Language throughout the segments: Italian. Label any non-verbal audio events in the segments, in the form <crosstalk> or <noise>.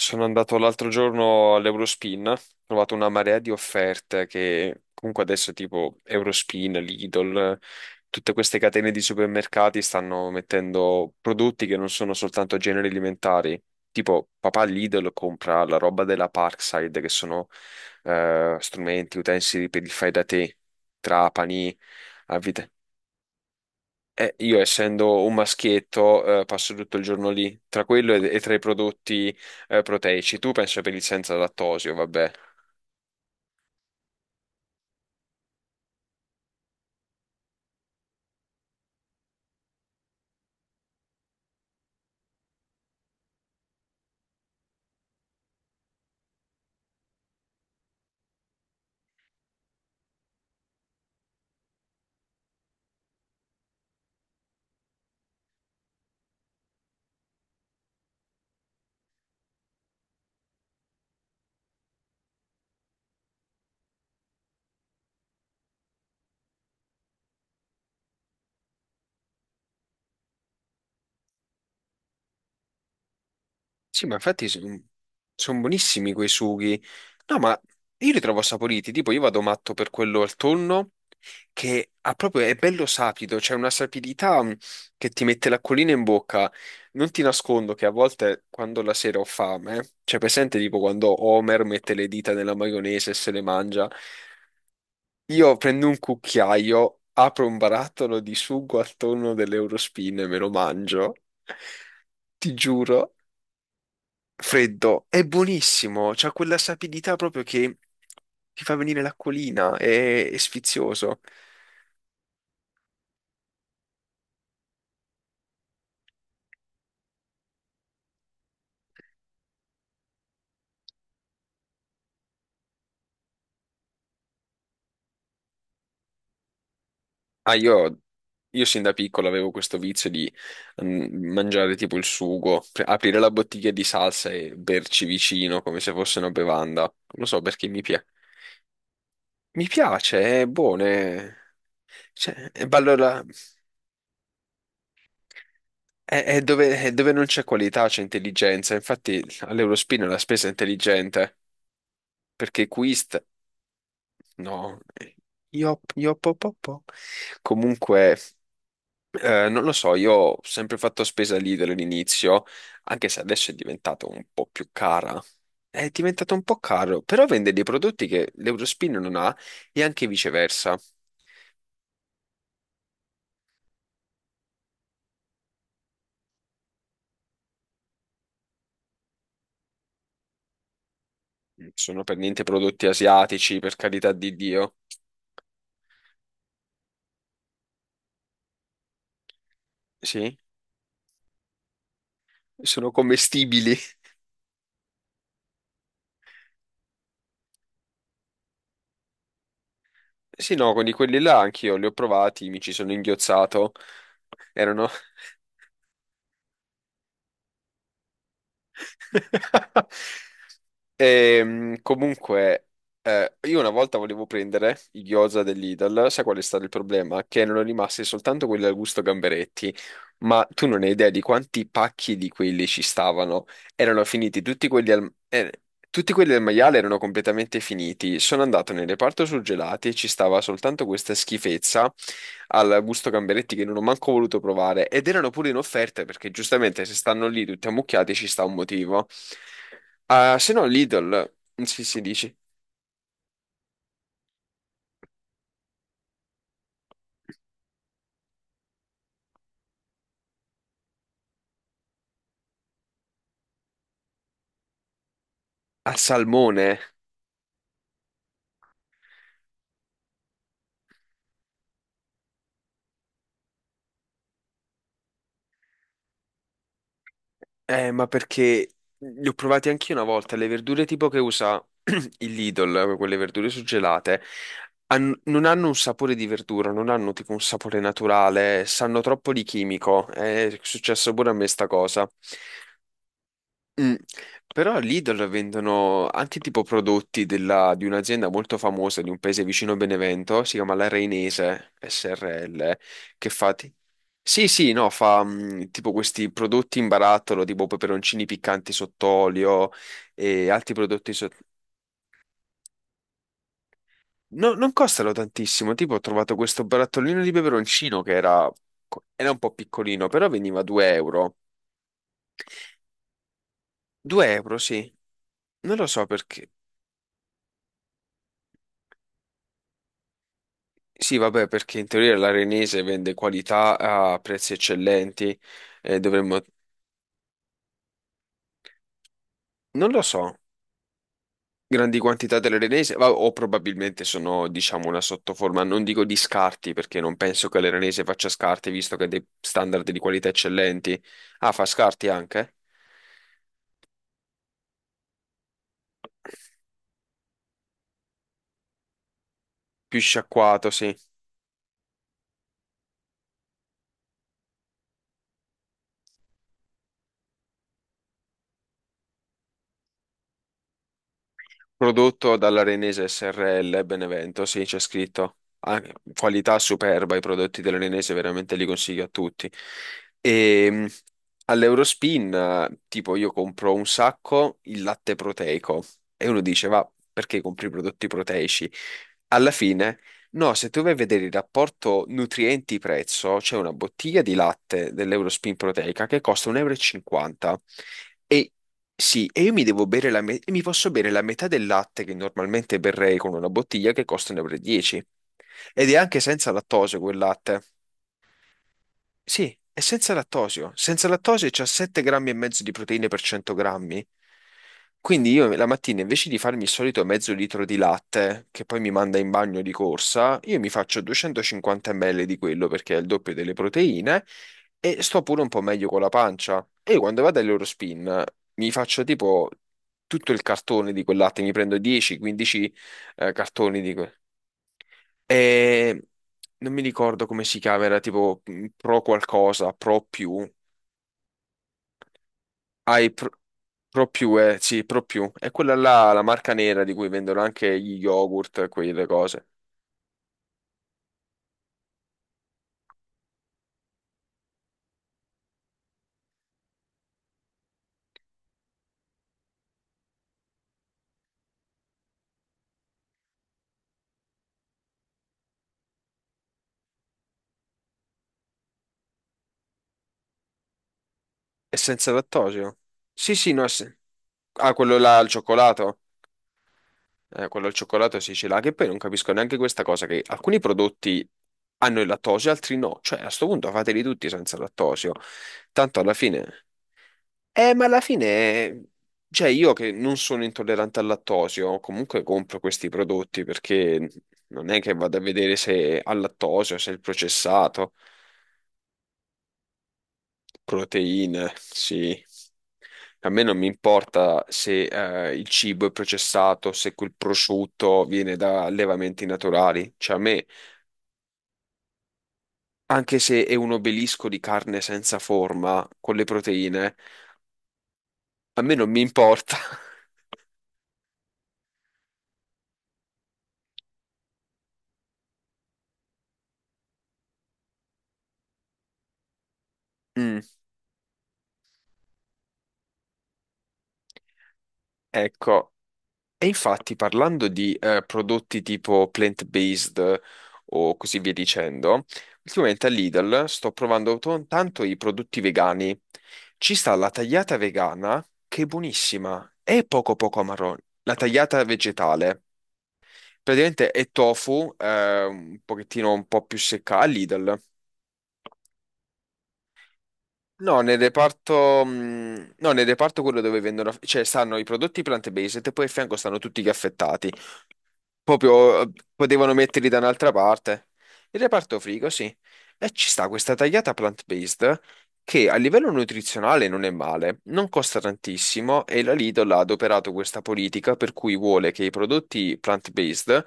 Sono andato l'altro giorno all'Eurospin, ho trovato una marea di offerte che comunque adesso tipo Eurospin, Lidl, tutte queste catene di supermercati stanno mettendo prodotti che non sono soltanto generi alimentari. Tipo papà Lidl compra la roba della Parkside che sono strumenti, utensili per il fai da te, trapani, avvite. Io essendo un maschietto, passo tutto il giorno lì, tra quello e tra i prodotti, proteici. Tu penso per il senza lattosio, vabbè. Sì, ma infatti sono buonissimi quei sughi. No, ma io li trovo saporiti, tipo io vado matto per quello al tonno, che ha proprio, è bello sapido, c'è una sapidità che ti mette l'acquolina in bocca. Non ti nascondo che a volte quando la sera ho fame, cioè presente tipo quando Homer mette le dita nella maionese e se le mangia, io prendo un cucchiaio, apro un barattolo di sugo al tonno dell'Eurospin e me lo mangio. Ti giuro, freddo, è buonissimo, c'ha quella sapidità proprio che ti fa venire l'acquolina, è sfizioso. Ah, io sin da piccolo avevo questo vizio di mangiare tipo il sugo, aprire la bottiglia di salsa e berci vicino come se fosse una bevanda. Non lo so perché mi piace. Mi piace, è buono. Cioè, e beh, allora è dove non c'è qualità, c'è intelligenza. Infatti all'Eurospin la spesa è intelligente, perché Quist, no, io po, po, po. Comunque, non lo so, io ho sempre fatto spesa lì dall'inizio, anche se adesso è diventato un po' più cara. È diventato un po' caro, però vende dei prodotti che l'Eurospin non ha e anche viceversa. Sono per niente prodotti asiatici, per carità di Dio. Sì? Sono commestibili. Sì, no, quindi quelli là anch'io li ho provati, mi ci sono inghiozzato. Erano... <laughs> Comunque, io una volta volevo prendere i gyoza dell'Idal, sai qual è stato il problema? Che erano rimasti soltanto quelli al gusto gamberetti, ma tu non hai idea di quanti pacchi di quelli ci stavano. Erano finiti tutti quelli tutti quelli del maiale erano completamente finiti. Sono andato nel reparto surgelati e ci stava soltanto questa schifezza al gusto gamberetti che non ho manco voluto provare. Ed erano pure in offerta perché giustamente se stanno lì tutti ammucchiati ci sta un motivo. Ah, se no Lidl, sì, si dici. Al salmone? Ma perché li ho provati anch'io una volta, le verdure tipo che usa <clears throat> il Lidl, quelle verdure suggelate, non hanno un sapore di verdura, non hanno tipo un sapore naturale, sanno troppo di chimico, è successo pure a me sta cosa. Mm. Però Lidl vendono anche tipo prodotti di un'azienda molto famosa di un paese vicino a Benevento, si chiama La Reinese SRL, che fa... Sì, sì, no, fa tipo questi prodotti in barattolo, tipo peperoncini piccanti sott'olio e altri prodotti sotto... No, non costano tantissimo, tipo ho trovato questo barattolino di peperoncino che era un po' piccolino, però veniva 2 euro. 2 euro, sì. Non lo so perché. Sì, vabbè, perché in teoria l'arenese vende qualità a prezzi eccellenti e dovremmo, non lo so, grandi quantità dell'arenese, o probabilmente sono, diciamo, una sottoforma, non dico di scarti, perché non penso che l'arenese faccia scarti, visto che ha dei standard di qualità eccellenti. Ah, fa scarti anche? Più sciacquato, sì. Prodotto dall'Arenese SRL Benevento, sì, c'è scritto. Ah, qualità superba, i prodotti dell'Arenese veramente li consiglio a tutti. E all'Eurospin, tipo, io compro un sacco il latte proteico e uno dice, va, perché compri i prodotti proteici? Alla fine. No, se tu vai a vedere il rapporto nutrienti-prezzo, c'è una bottiglia di latte dell'Eurospin Proteica che costa 1,50 euro. E 50. E sì, e io mi devo bere e mi posso bere la metà del latte che normalmente berrei con una bottiglia che costa 1,10 euro. E 10. Ed è anche senza lattosio quel latte. Sì, è senza lattosio. Senza lattosio c'ha 7 grammi e mezzo di proteine per 100 grammi. Quindi io la mattina invece di farmi il solito mezzo litro di latte, che poi mi manda in bagno di corsa, io mi faccio 250 ml di quello perché è il doppio delle proteine e sto pure un po' meglio con la pancia. E io quando vado all'Eurospin mi faccio tipo tutto il cartone di quel latte, mi prendo 10-15 cartoni di quel... E non mi ricordo come si chiama, era tipo Pro qualcosa, Pro più. Hai Pro, Pro più, sì, Pro più. È quella là, la marca nera di cui vendono anche gli yogurt, quelle cose. È senza lattosio? Sì, sì, no, è se- Ah, quello là al cioccolato? Quello al cioccolato sì, ce l'ha, che poi non capisco neanche questa cosa, che alcuni prodotti hanno il lattosio, altri no. Cioè, a sto punto fateli tutti senza lattosio. Tanto alla fine... Ma alla fine, cioè io che non sono intollerante al lattosio, comunque compro questi prodotti perché non è che vado a vedere se ha lattosio, se è il processato, proteine, sì. A me non mi importa se il cibo è processato, se quel prosciutto viene da allevamenti naturali. Cioè a me, anche se è un obelisco di carne senza forma, con le proteine, a me non mi importa. <laughs> Mm, ecco. E infatti, parlando di prodotti tipo plant-based o così via dicendo, ultimamente a Lidl sto provando tanto i prodotti vegani. Ci sta la tagliata vegana, che è buonissima, è poco poco marrone. La tagliata vegetale, praticamente è tofu, un pochettino un po' più secca a Lidl. No, nel reparto, no, nel reparto quello dove vendono, cioè stanno i prodotti plant-based e poi a fianco stanno tutti gli affettati. Proprio potevano metterli da un'altra parte. Il reparto frigo, sì. E ci sta questa tagliata plant-based che a livello nutrizionale non è male, non costa tantissimo e la Lidl ha adoperato questa politica per cui vuole che i prodotti plant-based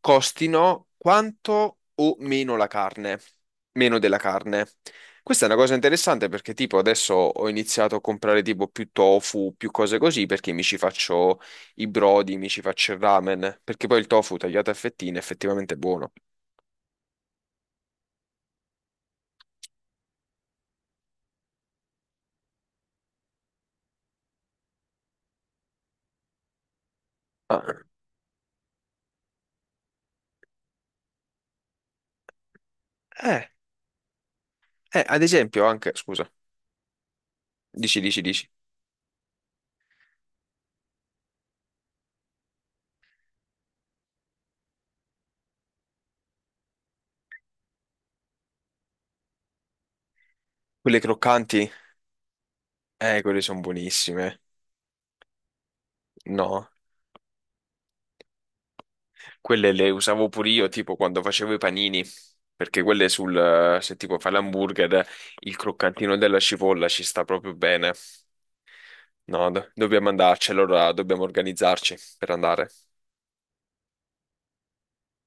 costino quanto o meno la carne, meno della carne. Questa è una cosa interessante perché tipo adesso ho iniziato a comprare tipo più tofu, più cose così perché mi ci faccio i brodi, mi ci faccio il ramen, perché poi il tofu tagliato a fettine è effettivamente è buono. Ah, eh, ad esempio anche, scusa, dici, dici, dici, quelle croccanti, quelle sono buonissime, no, quelle le usavo pure io, tipo quando facevo i panini, perché quelle sul, se tipo fai l'hamburger, il croccantino della cipolla ci sta proprio bene, no, dobbiamo andarci, allora dobbiamo organizzarci per andare.